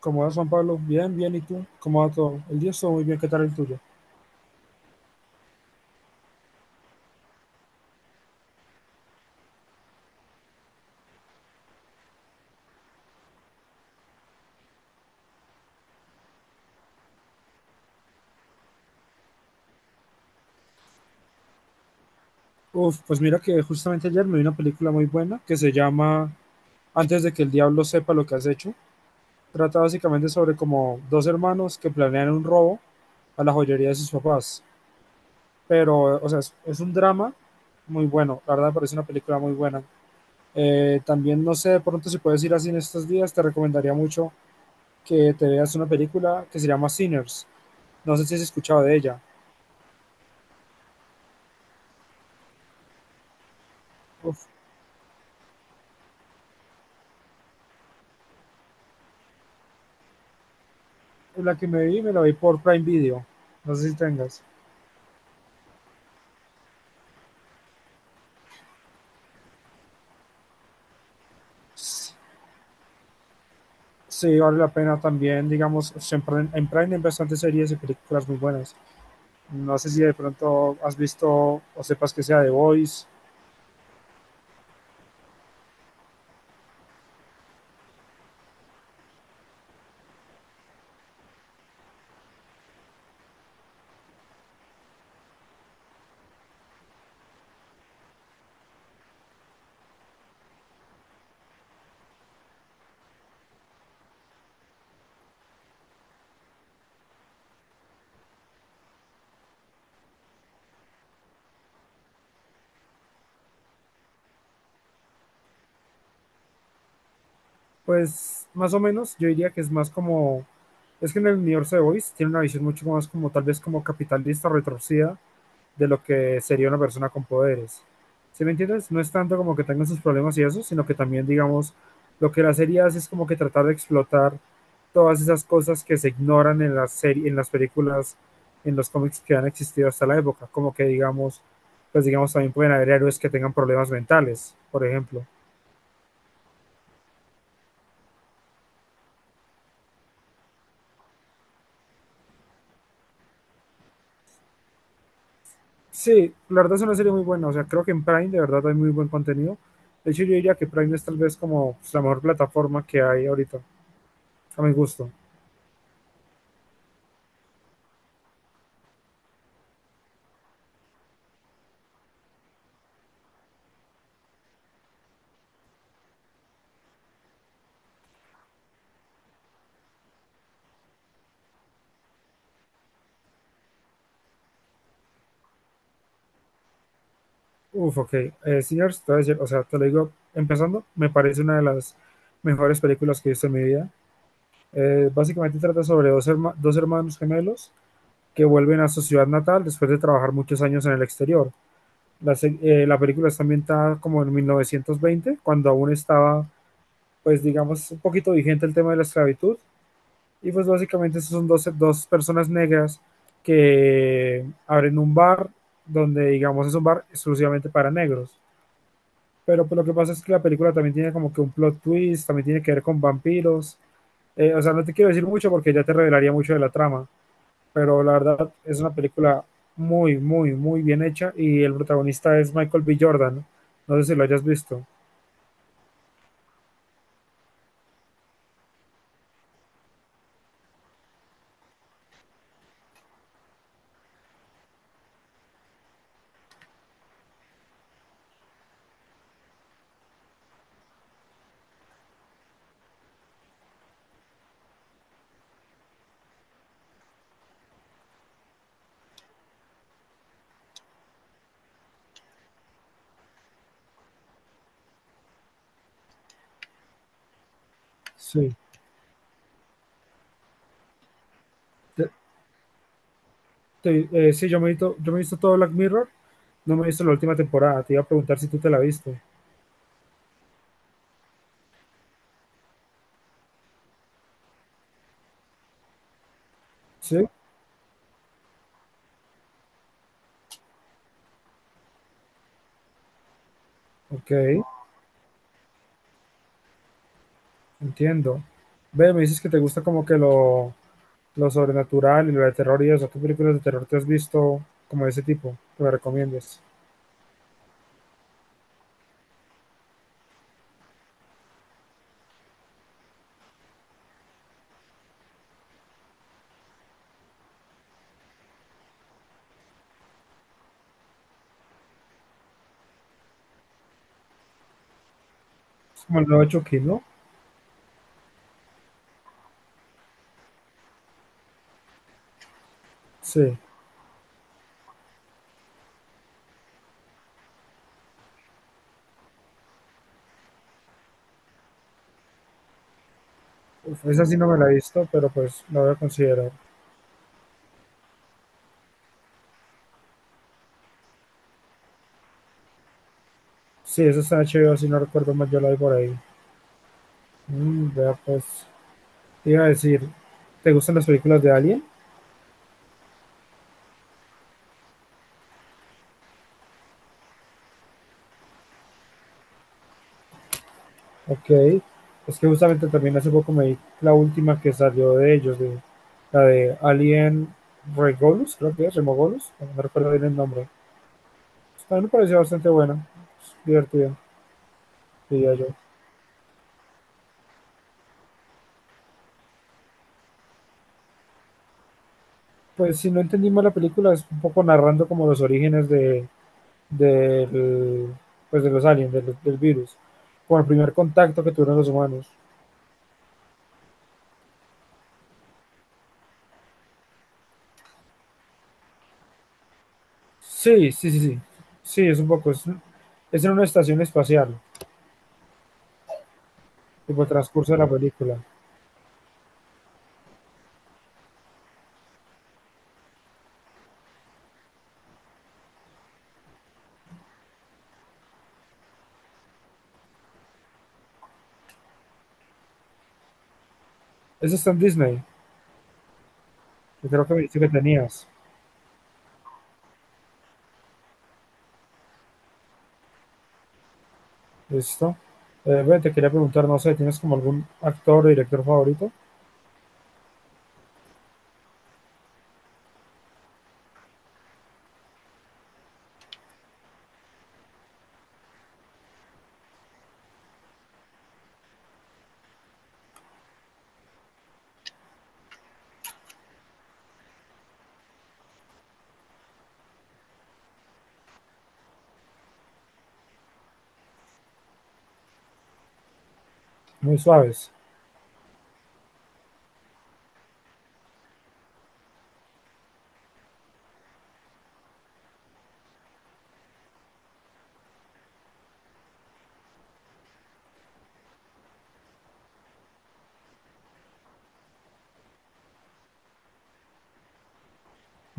¿Cómo vas, Juan Pablo? Bien, bien, ¿y tú? ¿Cómo va todo? El día estuvo muy bien, ¿qué tal el tuyo? Uf, pues mira que justamente ayer me vi una película muy buena que se llama Antes de que el diablo sepa lo que has hecho. Trata básicamente sobre como dos hermanos que planean un robo a la joyería de sus papás. Pero, o sea, es un drama muy bueno, la verdad me parece una película muy buena. También, no sé, de pronto si puedes ir así en estos días, te recomendaría mucho que te veas una película que se llama Sinners. No sé si has escuchado de ella. La que me vi, me la vi por Prime Video. No sé si tengas. Sí, vale la pena también, digamos, siempre en Prime hay bastantes series y películas muy buenas. No sé si de pronto has visto o sepas que sea The Voice. Pues más o menos, yo diría que es más como... Es que en el universo de The Voice tiene una visión mucho más como tal vez como capitalista retorcida de lo que sería una persona con poderes. ¿Sí me entiendes? No es tanto como que tengan sus problemas y eso, sino que también, digamos, lo que la serie hace es como que tratar de explotar todas esas cosas que se ignoran en la serie, en las películas, en los cómics que han existido hasta la época, como que digamos, pues digamos también pueden haber héroes que tengan problemas mentales, por ejemplo. Sí, la verdad es una serie muy buena, o sea, creo que en Prime de verdad hay muy buen contenido. De hecho, yo diría que Prime es tal vez como pues, la mejor plataforma que hay ahorita, a mi gusto. Uf, ok. Señor, te voy a decir, o sea, te lo digo, empezando, me parece una de las mejores películas que he visto en mi vida. Básicamente trata sobre dos hermanos gemelos que vuelven a su ciudad natal después de trabajar muchos años en el exterior. La película está ambientada como en 1920, cuando aún estaba, pues digamos, un poquito vigente el tema de la esclavitud. Y pues básicamente esos son dos personas negras que abren un bar donde, digamos, es un bar exclusivamente para negros. Pero pues, lo que pasa es que la película también tiene como que un plot twist, también tiene que ver con vampiros. O sea, no te quiero decir mucho porque ya te revelaría mucho de la trama, pero la verdad es una película muy, muy, muy bien hecha y el protagonista es Michael B. Jordan. No sé si lo hayas visto. Sí. Te- sí, he yo me he visto todo Black Mirror, no me he visto la última temporada. Te iba a preguntar si tú te la viste. Sí, ok. Entiendo. Ve, me dices que te gusta como que lo sobrenatural y lo de terror y eso. ¿Qué películas de terror te has visto como de ese tipo que me recomiendes? Es como el nuevo Chucky, ¿no? Sí. Uf, esa sí no me la he visto, pero pues la voy a considerar. Sí, esa está en HBO, si no recuerdo mal, yo la vi por ahí. Mm, vea, pues, te iba a decir, ¿te gustan las películas de Alien? Ok, es que justamente también hace poco me vi la última que salió de ellos, de la de Alien Regolus, creo que es, Remogolus, no recuerdo bien el nombre. Pues, también me pareció bastante buena, es divertida, diría yo. Pues si no entendimos la película, es un poco narrando como los orígenes del, pues, de los aliens, del virus, con el primer contacto que tuvieron los humanos. Sí, sí, sí, sí, sí, es un poco, es en una estación espacial, tipo el transcurso de la película. Ese está en Disney. Que creo que me dijiste que tenías. ¿Listo? Ve, te quería preguntar, no sé, ¿tienes como algún actor o director favorito? Muy suaves.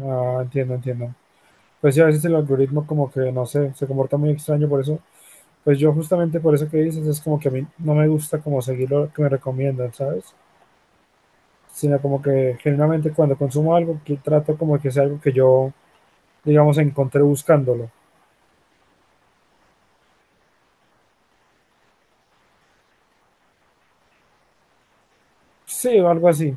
Ah, entiendo, entiendo. Pues sí, a veces el algoritmo como que, no sé, se comporta muy extraño, por eso, pues yo justamente por eso que dices, es como que a mí no me gusta como seguir lo que me recomiendan, ¿sabes? Sino como que generalmente cuando consumo algo, que trato como que sea algo que yo, digamos, encontré buscándolo. Sí, o algo así.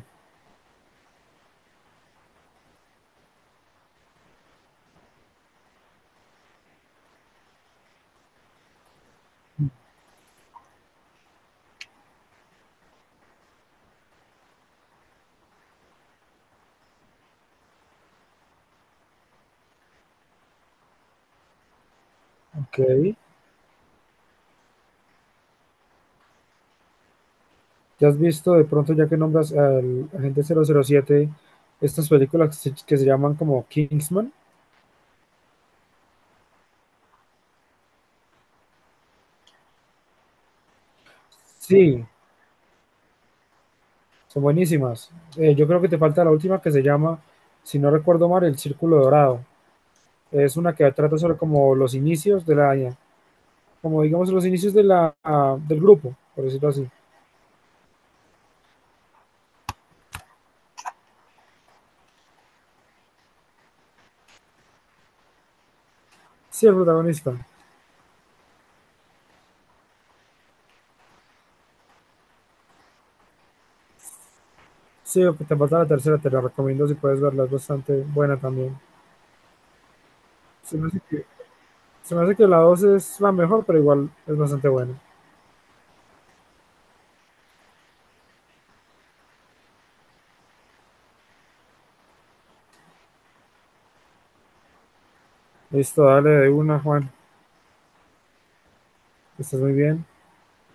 Ok. ¿Ya has visto de pronto, ya que nombras al agente 007, estas películas que se llaman como Kingsman? Sí, son buenísimas. Yo creo que te falta la última que se llama, si no recuerdo mal, El Círculo Dorado. Es una que trata sobre como los inicios de la, como digamos los inicios de la, ah, del grupo, por decirlo así. Sí, el protagonista. Sí, ok, te falta la tercera, te la recomiendo si puedes verla, es bastante buena también. Se me hace que, se me hace que la dos es la mejor, pero igual es bastante buena. Listo, dale de una, Juan. Estás muy bien.